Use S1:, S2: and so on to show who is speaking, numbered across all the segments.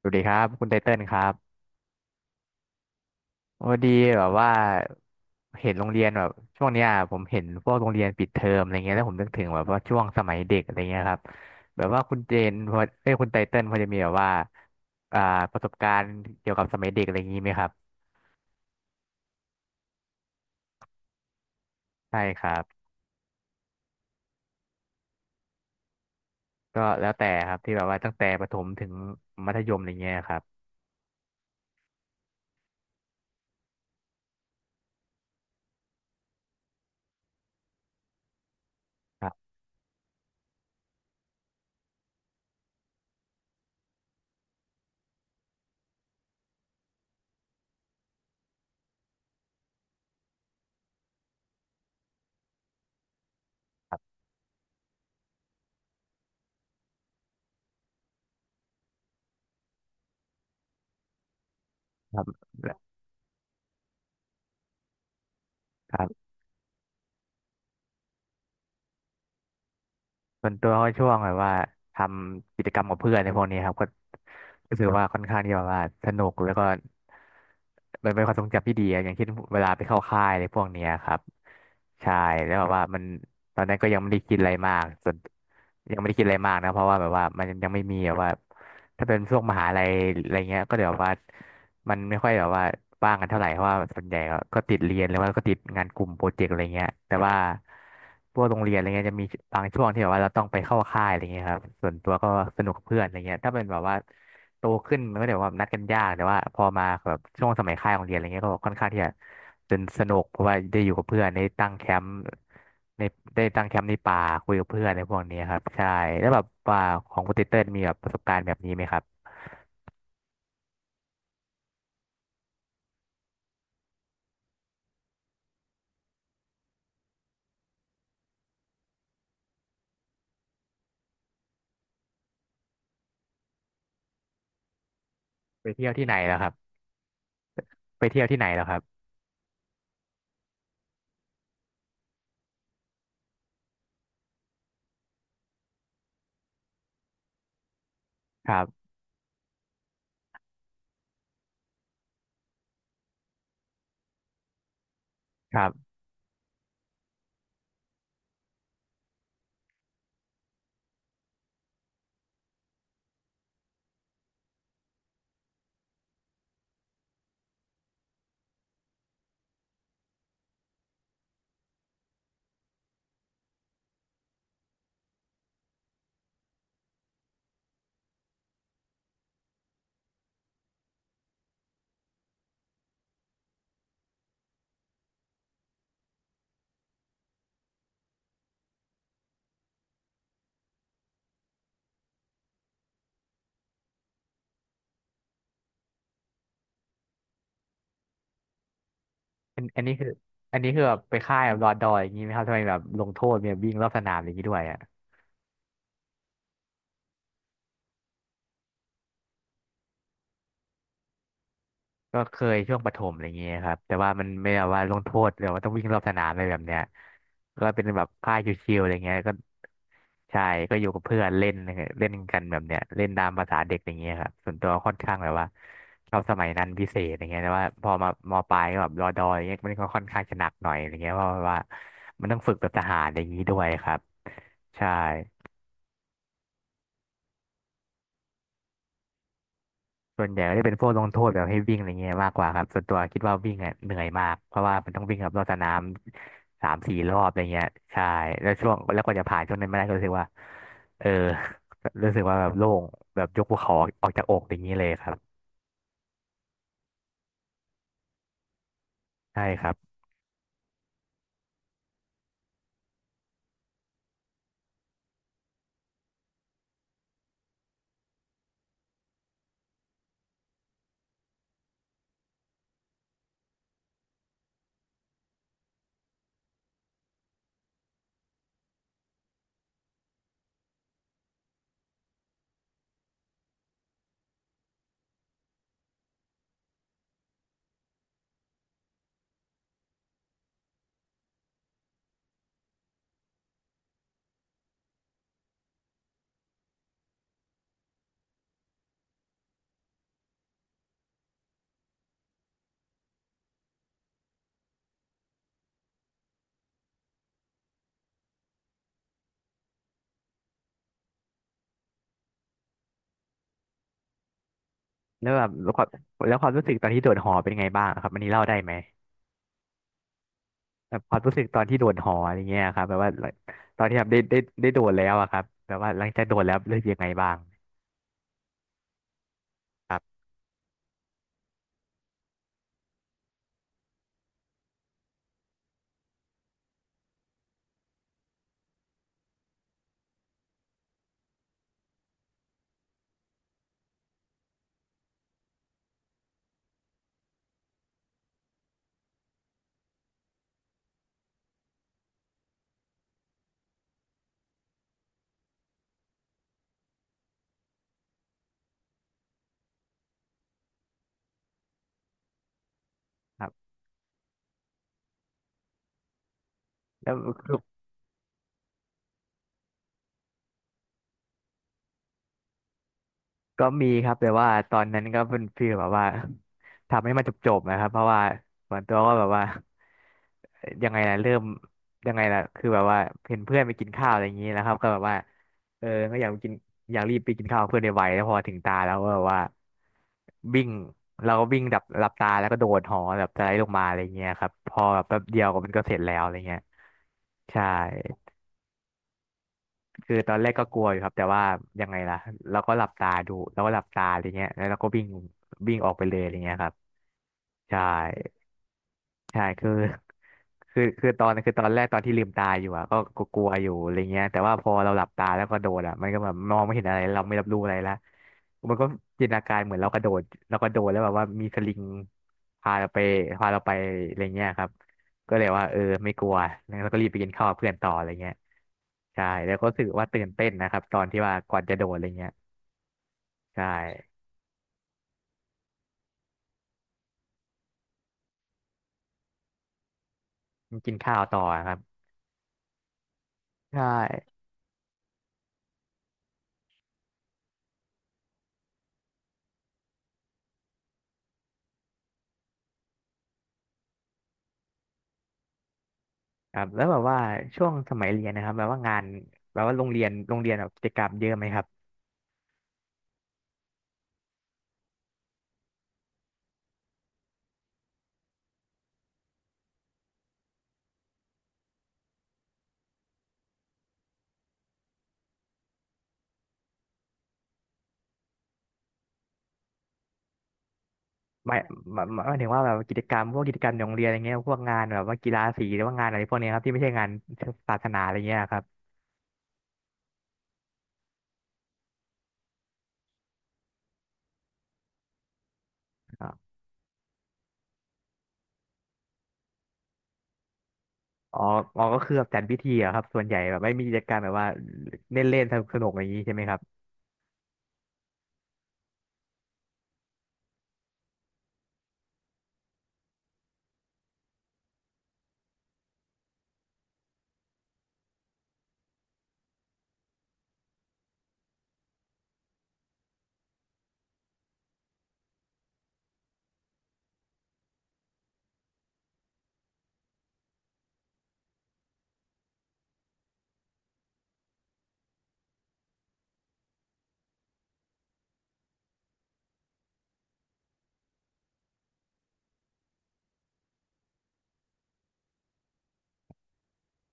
S1: สวัสดีครับคุณไทเติ้ลครับพอดีแบบว่าเห็นโรงเรียนแบบช่วงเนี้ยผมเห็นพวกโรงเรียนปิดเทอมอะไรเงี้ยแล้วผมนึกถึงแบบว่าช่วงสมัยเด็กอะไรเงี้ยครับแบบว่าคุณเจนพอเอ้ยคุณไทเติ้ลพอจะมีแบบว่าอ่าประสบการณ์เกี่ยวกับสมัยเด็กอะไรอย่างงี้ไหมครับใช่ครับก็แล้วแต่ครับที่แบบว่าตั้งแต่ประถมถึงมัธยมอะไรเงี้ยครับครับครับครับ ส่วนตัวก็ช่วงแบบว่าทำกิจกรรมกับเพื่อนในพวกนี้ครับก็รู้สึกว่าค่อนข้างที่แบบว่าสนุกแล้วก็มันเป็นความทรงจำที่ดีอะอย่างเช่นเวลาไปเข้าค่ายในพวกเนี้ยครับใช่แล้วแบบว่ามันตอนนั้นก็ยังไม่ได้คิดอะไรมากส่วนยังไม่ได้คิดอะไรมากนะเพราะว่าแบบว่ามันยังไม่มีแบบว่าถ้าเป็นช่วงมหาลัยอะไรเงี้ยก็เดี๋ยวว่า มันไม่ค่อยแบบว่าว่างกันเท่าไหร่เพราะว่าส่วนใหญ่ก็ติดเรียนหรือว่าก็ติดงานกลุ่มโปรเจกต์อะไรเงี้ยแต่ว่าพวกโรงเรียนอะไรเงี้ยจะมีบางช่วงที่แบบว่าเราต้องไปเข้าค่ายอะไรเงี้ยครับส่วนตัวก็สนุกกับเพื่อนอะไรเงี้ยถ้าเป็นแบบว่าโตขึ้นมันก็เดี๋ยวว่านัดกันยากแต่ว่าพอมาแบบช่วงสมัยค่ายของเรียนอะไรเงี้ยก็ค่อนข้างที่จะสนสนุกเพราะว่าได้อยู่กับเพื่อนได้ตั้งแคมป์ในได้ตั้งแคมป์ในป่าคุยกับเพื่อนในพวกนี้ครับใช่แล้วแบบว่าของคุณเต้ลมีแบบประสบการณ์แบบนี้ไหมครับไปเที่ยวที่ไหนแล้วครับไปเที่ยวที่ไหนแล้วครับ ครับครับอันนี้คืออันนี้คือแบบไปค่ายแบบรอดอยอย่างนี้ไหมครับทำไมแบบลงโทษเนี่ยวิ่งรอบสนามอย่างนี้ด้วยอ่ะก็เคยช่วงประถมอะไรอย่างเงี้ยครับแต่ว่ามันไม่ได้ว่าลงโทษหรือว่าต้องวิ่งรอบสนามอะไรแบบเนี้ยก็เป็นแบบค่ายชิวๆอะไรเงี้ยก็ใช่ก็อยู่กับเพื่อนเล่นเล่นกันแบบเนี้ยเล่นตามภาษาเด็กอย่างเงี้ยครับส่วนตัวค่อนข้างแบบว่าชอบสมัยนั้นพิเศษอย่างเงี้ยแต่ว่าพอมามปลายก็แบบรอดอยอย่างเงี้ยมันก็ค่อนข้างจะหนักหน่อยอย่างเงี้ยเพราะว่ามันต้องฝึกแบบทหารอย่างนี้ด้วยครับใช่ ส่วนใหญ่ก็จะเป็นพวกลงโทษแบบให้วิ่งอะไรเงี้ยมากกว่าครับส่วนตัวคิดว่าวิ่งอะเหนื่อยมากเพราะว่ามันต้องวิ่งกับรอบสนามสามสี่รอบอะไรเงี้ยใช่แล้วช่วงแล้วกว่าจะผ่านช่วงนั้นมาได้ก็รู้สึกว่าเออรู้สึกว่าแบบโล่งแบบยกภูเขาออกจากอกอย่างนี้เลยครับใช่ครับแล้วแบบแล้วความแล้วความรู้สึกตอนที่โดดหอเป็นไงบ้างครับอันนี้เล่าได้ไหมแบบความรู้สึกตอนที่โดดหออะไรเงี้ยครับแบบว่าตอนที่แบบได้โดดแล้วอะครับแบบว่าหลังจากโดดแล้วรู้สึกยังไงบ้างครับครับแล้ว ก็มีครับแต่ว่าตอนนั้นก็เป็นฟีลแบบว่าทำให้มันจบๆนะครับเพราะว่าส่วนตัวก็แบบว่ายังไงล่ะเริ่มยังไงล่ะคือแบบว่าเห็นเพื่อนไปกินข้าวอะไรอย่างนี้แล้วครับก็แบบว่าก็อยากไปกินอยากรีบไปกินข้าวกับเพื่อนในไวๆแล้วพอถึงตาแล้วก็แบบว่าวิ่งเราก็วิ่งดับหลับตาแล้วก็โดดหอแบบสไลด์ลงมาอะไรเงี้ยครับพอแบบแป๊บเดียวก็มันก็เสร็จแล้วอะไรเงี้ยใช่ คือตอนแรกก็กลัวอยู่ครับแต่ว่ายังไงล่ะเราก็หลับตาดูเราก็หลับตาอะไรเงี้ยแล้วเราก็วิ่งวิ่งออกไปเลยอะไรเงี้ยครับใช่ ใช่คือ คือคือตอนคือตอนแรกตอนที่ลืมตาอยู่อะก็กลัวอยู่อะไรเงี้ยแต่ว่าพอเราหลับตาแล้วก็โดดอะมันก็แบบมองไม่เห็นอะไรเราไม่รับรู้อะไรละมันก็จินตนาการเหมือนเรากระโดดเรากระโดดแล้วแบบว่ามีสลิงพาเราไปพาเราไปอะไรเงี้ยครับก็เลยว่าเออไม่กลัวแล้วก็รีบไปกินข้าวกับเพื่อนต่ออะไรเงี้ยใช่แล้วก็รู้สึกว่าตื่นเต้นนะครับตอนที่ว่าก่อนจะโดดอะไรเงี้ยใช่กินข้าวต่อครับใช่ ครับแล้วแบบว่าช่วงสมัยเรียนนะครับแบบว่างานแบบว่าโรงเรียนแบบกิจกรรมเยอะไหมครับหมายหมายถึงว่าแบบกิจกรรมพวกกิจกรรมในโรงเรียนอะไรเงี้ยพวกงานแบบว่ากีฬาสีหรือว่างานอะไรพวกเนี้ยครับที่ไม่ใช่งานศาสนาอะไรเงี้ยครับอ๋ออ๋อก็คือแบบจัดพิธีอะครับส่วนใหญ่แบบไม่มีกิจกรรมแบบว่าเล่นเล่นสนุกสนุกอย่างนี้ใช่ไหมครับ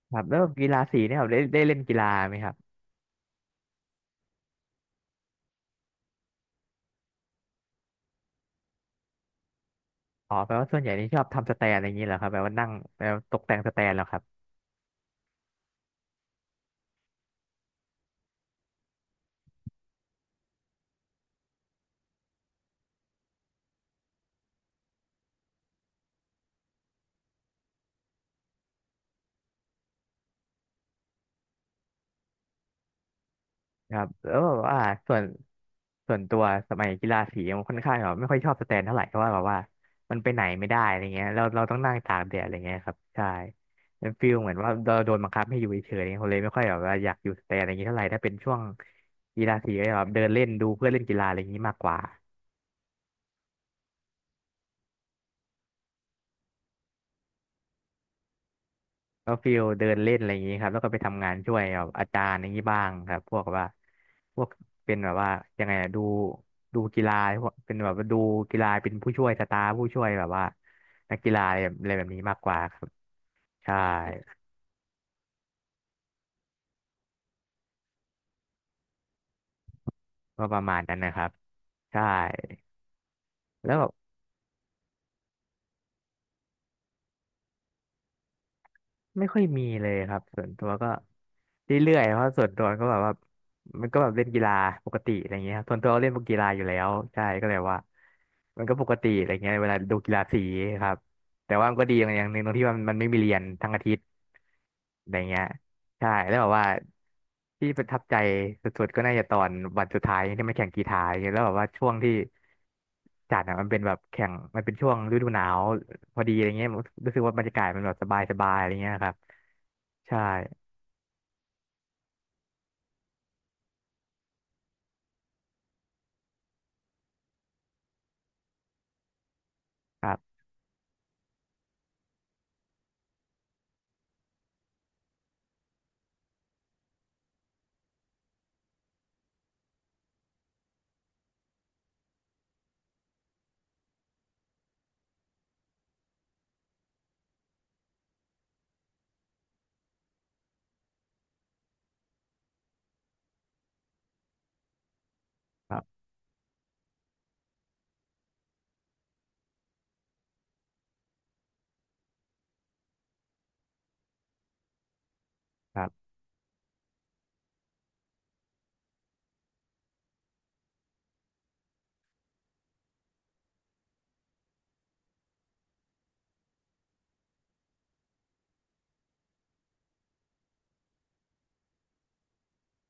S1: ครับแล้วกีฬาสีเนี่ยครับได้เล่นกีฬาไหมครับอ๋อแปลว่าส่วนใหญ่นี่ชอบทำสแตนอะไรอย่างนี้เหรอครับแบบว่านั่งแบบตกแต่งสแตนเหรอครับ ครับแล้วแบบว่าส่วนส่วนตัวสมัยกีฬาสีมันค่อนข้างแบบไม่ค่อยชอบสแตนเท่าไหร่เพราะว่าแบบว่ามันไปไหนไม่ได้อะไรเงี้ยเราต้องนั่งตากแดดอะไรเงี้ยครับใช่เป็นฟีลเหมือนว่าเราโดนบังคับให้อยู่เฉยๆเขาเลยไม่ค่อยแบบว่าอยากอยู่สแตนอะไรเงี้ยเท่าไหร่ถ้าเป็นช่วงกีฬาสีก็จะแบบเดินเล่นดูเพื่อนเล่นกีฬาอะไรอย่างงี้มากกว่า ก็ฟิลเดินเล่นอะไรอย่างนี้ครับแล้วก็ไปทำงานช่วยแบบอาจารย์อย่างนี้บ้างครับพวกแบบว่าพวกเป็นแบบว่ายังไงอะดูกีฬาพวกเป็นแบบว่าดูกีฬาเป็นผู้ช่วยสตาฟผู้ช่วยแบบว่านักกีฬาอะไรอะไรแบบนี้มากกว่าครับใช่ก็ประมาณนั้นนะครับใช่แล้วแบบ ไม่ค่อยมีเลยครับส่วนตัวก็เรื่อยๆเพราะส่วนตัวก็แบบว่ามันก็แบบเล่นกีฬาปกติอะไรเงี้ยครับส่วนตัวก็เล่นพวกกีฬาอยู่แล้วใช่ก็เลยว่ามันก็ปกติอะไรเงี้ยเวลาดูกีฬาสีครับแต่ว่ามันก็ดีอย่างหนึ่งตรงที่ว่ามันไม่มีเรียนทั้งอาทิตย์อะไรเงี้ยใช่แล้วแบบว่าที่ประทับใจสุดๆก็น่าจะตอนวันสุดท้ายที่มาแข่งกีฬาอย่างเงี้ยแล้วแบบว่าช่วงที่จัดอะมันเป็นแบบแข่งมันเป็นช่วงฤดูหนาว พอดีอะไรเงี้ยผมรู้สึกว่าบรรยากาศมันแบบสบายสบายอะไรเงี้ยครับใช่ครับครับครับ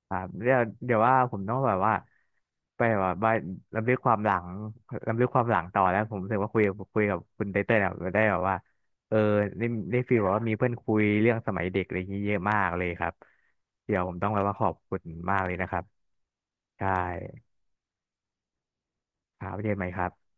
S1: ครับเดี๋ยวว่าผมต้องแบบว่าไปแบบว่าลำลึกความหลังลำลึกความหลังต่อแล้วผมรู้สึกว่าคุยกับคุณไตเติ้ลแบบได้แบบว่าเออได้ได้ฟีลแบบว่ามีเพื่อนคุยเรื่องสมัยเด็กอะไรอย่างนี้เยอะมากเลยครับเดี๋ยวผมต้องแบบว่าขอบคุณมากเลยนะครับใช่ครับไว้เจอกันใหม่ครับ